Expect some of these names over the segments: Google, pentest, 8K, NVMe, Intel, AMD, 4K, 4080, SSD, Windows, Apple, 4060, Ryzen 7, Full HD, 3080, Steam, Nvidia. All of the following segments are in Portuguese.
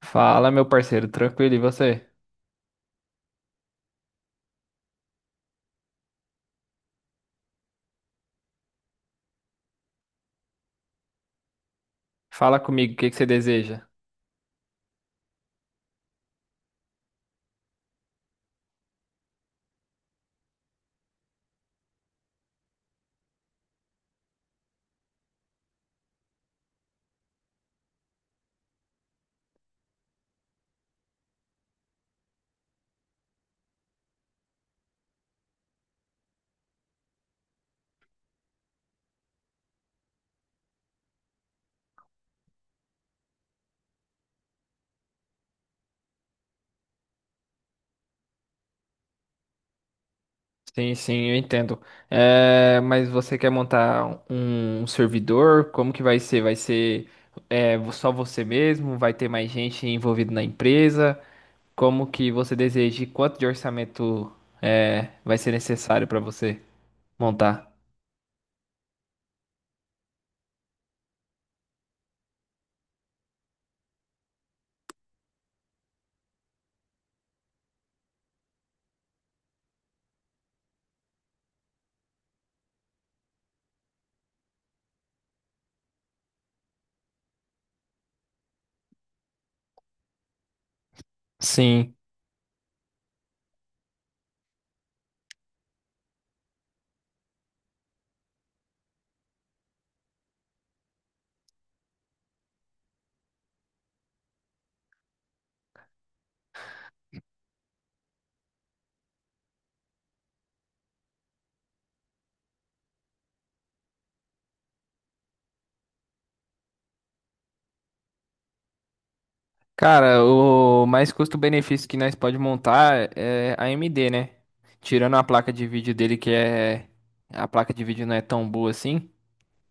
Fala, meu parceiro, tranquilo, e você? Fala comigo, o que que você deseja? Sim, sim, eu entendo. É, mas você quer montar um servidor? Como que vai ser? Vai ser só você mesmo? Vai ter mais gente envolvida na empresa? Como que você deseja? E quanto de orçamento vai ser necessário para você montar? Sim. Cara, o mais custo-benefício que nós pode montar é a AMD, né? Tirando a placa de vídeo dele, que é. A placa de vídeo não é tão boa assim.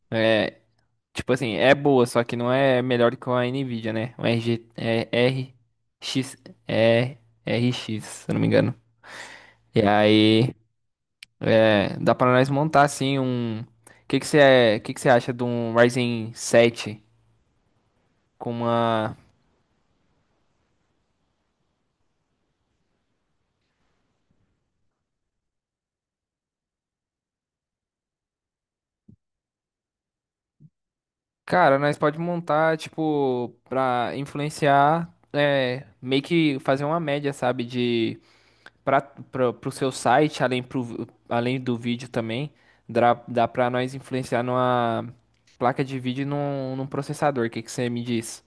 É. Tipo assim, é boa, só que não é melhor que a Nvidia, né? O RX, é R x se eu não me engano. E aí, dá pra nós montar assim um. O que você acha de um Ryzen 7? Com uma Cara, nós pode montar, tipo, pra influenciar, meio que fazer uma média, sabe, pro seu site, além do vídeo também, dá pra nós influenciar numa placa de vídeo e num processador, o que que você me diz?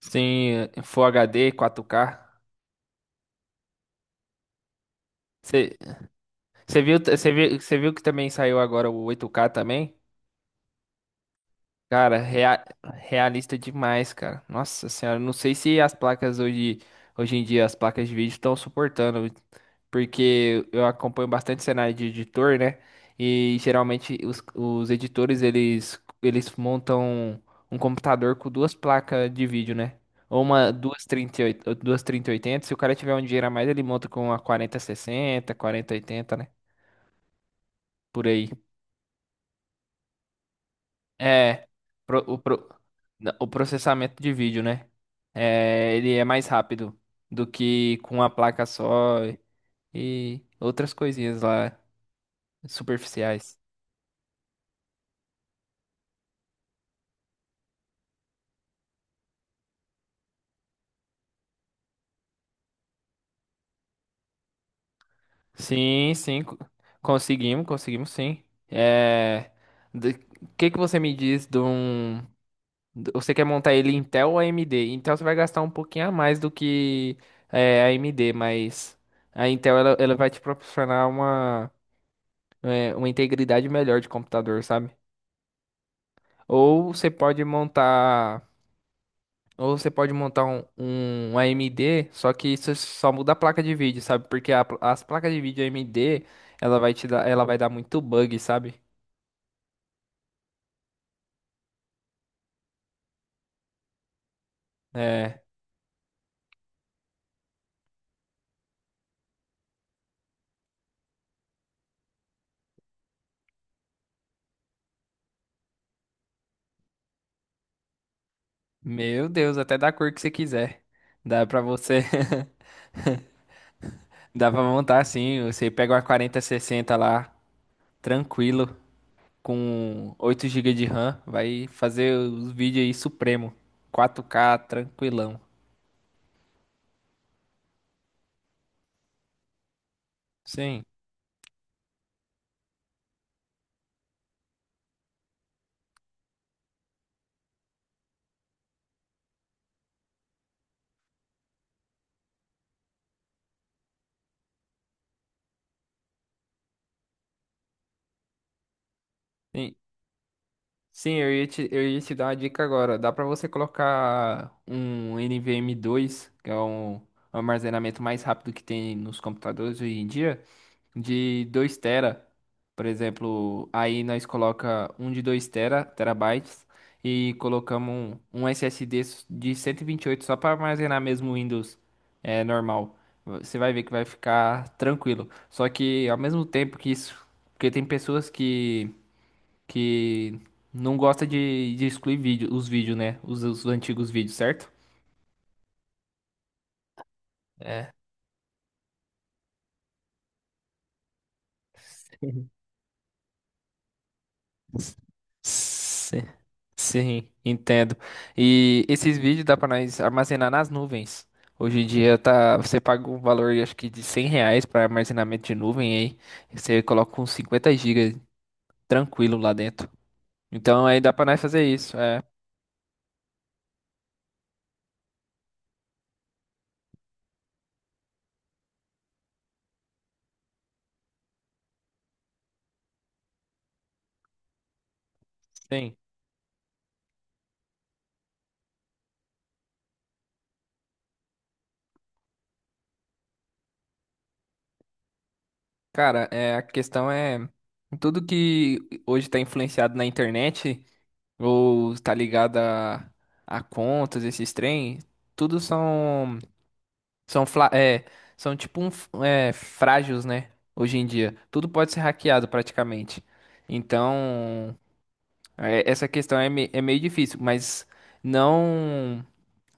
Sim, Full HD, 4K. Você você viu que também saiu agora o 8K também? Cara, realista demais, cara. Nossa senhora, não sei se as placas hoje em dia, as placas de vídeo estão suportando, porque eu acompanho bastante cenário de editor, né? E geralmente os editores, eles montam um computador com duas placas de vídeo, né? Ou uma duas 3080, se o cara tiver um dinheiro a mais, ele monta com uma 4060, 4080, né? Por aí. É, pro- o, pro- o processamento de vídeo, né? É, ele é mais rápido do que com a placa só e outras coisinhas lá superficiais. Sim, sim, conseguimos, conseguimos sim. É, do- que que você me diz de um... Você quer montar ele Intel ou AMD? Intel você vai gastar um pouquinho a mais do que a AMD, mas a Intel ela vai te proporcionar uma... uma integridade melhor de computador, sabe? Ou você pode montar, ou você pode montar um, um AMD, só que isso só muda a placa de vídeo, sabe? Porque as placas de vídeo AMD, ela vai dar muito bug, sabe? É, Meu Deus, até da cor que você quiser. Dá pra você, dá pra montar assim, você pega uma 4060 lá, tranquilo. Com 8 gigas de RAM, vai fazer os vídeos aí supremo. 4K, tranquilão. Sim. Sim, sim, eu ia te dar uma dica agora. Dá para você colocar um nvme dois que é um armazenamento mais rápido que tem nos computadores hoje em dia, de 2 tera. Por exemplo, aí nós coloca um de 2 tera, terabytes, e colocamos um SSD de cento e vinte e oito só para armazenar mesmo o Windows normal. Você vai ver que vai ficar tranquilo. Só que ao mesmo tempo que isso, porque tem pessoas que não gosta de excluir os vídeos, né? Os antigos vídeos, certo? É. Sim, sim, entendo. E esses vídeos dá pra nós armazenar nas nuvens. Hoje em dia tá, você paga um valor, acho que de 100 reais para armazenamento de nuvem aí. Você coloca uns 50 gigas tranquilo lá dentro. Então aí dá pra nós fazer isso. É, sim. Cara, a questão é tudo que hoje está influenciado na internet, ou tá ligada a contas, esses trem, tudo são fla- é, são tipo frágeis, né? Hoje em dia, tudo pode ser hackeado praticamente. Então, essa questão é meio difícil, mas não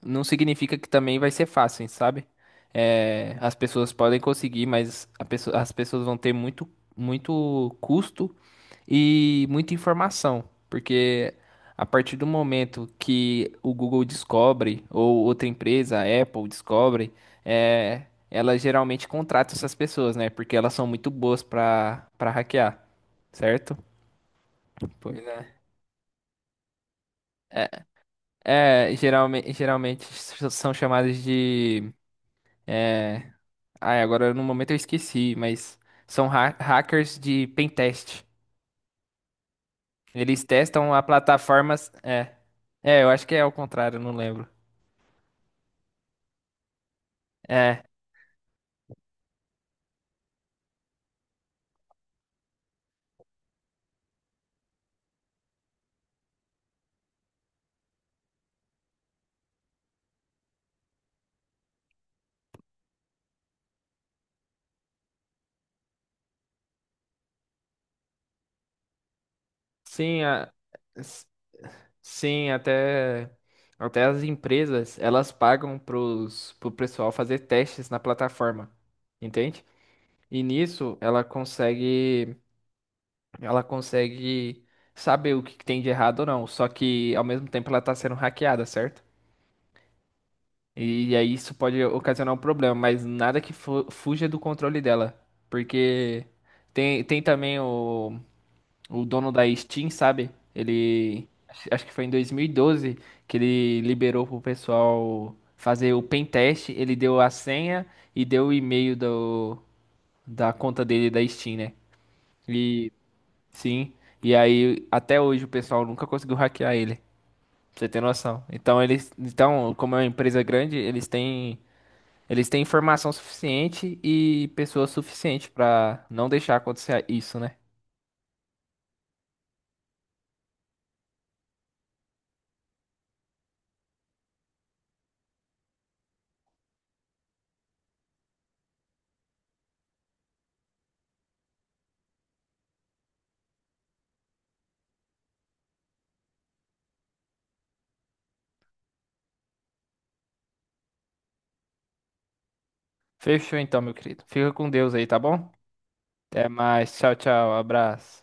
não significa que também vai ser fácil, sabe? É, as pessoas podem conseguir, mas as pessoas vão ter muito muito custo e muita informação, porque a partir do momento que o Google descobre, ou outra empresa, a Apple descobre, ela geralmente contrata essas pessoas, né? Porque elas são muito boas para hackear, certo? Pois é. Geralmente são chamadas de. É, Ai, agora no momento eu esqueci, mas são hackers de pentest. Eles testam a plataformas. É, é, eu acho que é ao contrário, eu não lembro. É, sim, s- sim, até as empresas, elas pagam pro pessoal fazer testes na plataforma, entende? E nisso ela consegue saber o que que tem de errado ou não, só que ao mesmo tempo ela tá sendo hackeada, certo? E aí isso pode ocasionar um problema, mas nada que fuja do controle dela, porque tem também o dono da Steam, sabe? Ele. Acho que foi em 2012 que ele liberou pro pessoal fazer o pen teste. Ele deu a senha e deu o e-mail da conta dele da Steam, né? E sim. E aí, até hoje, o pessoal nunca conseguiu hackear ele. Pra você ter noção. Então, eles. Então, como é uma empresa grande, Eles têm informação suficiente e pessoas suficientes pra não deixar acontecer isso, né? Fechou então, meu querido. Fica com Deus aí, tá bom? Até mais. Tchau, tchau. Abraço.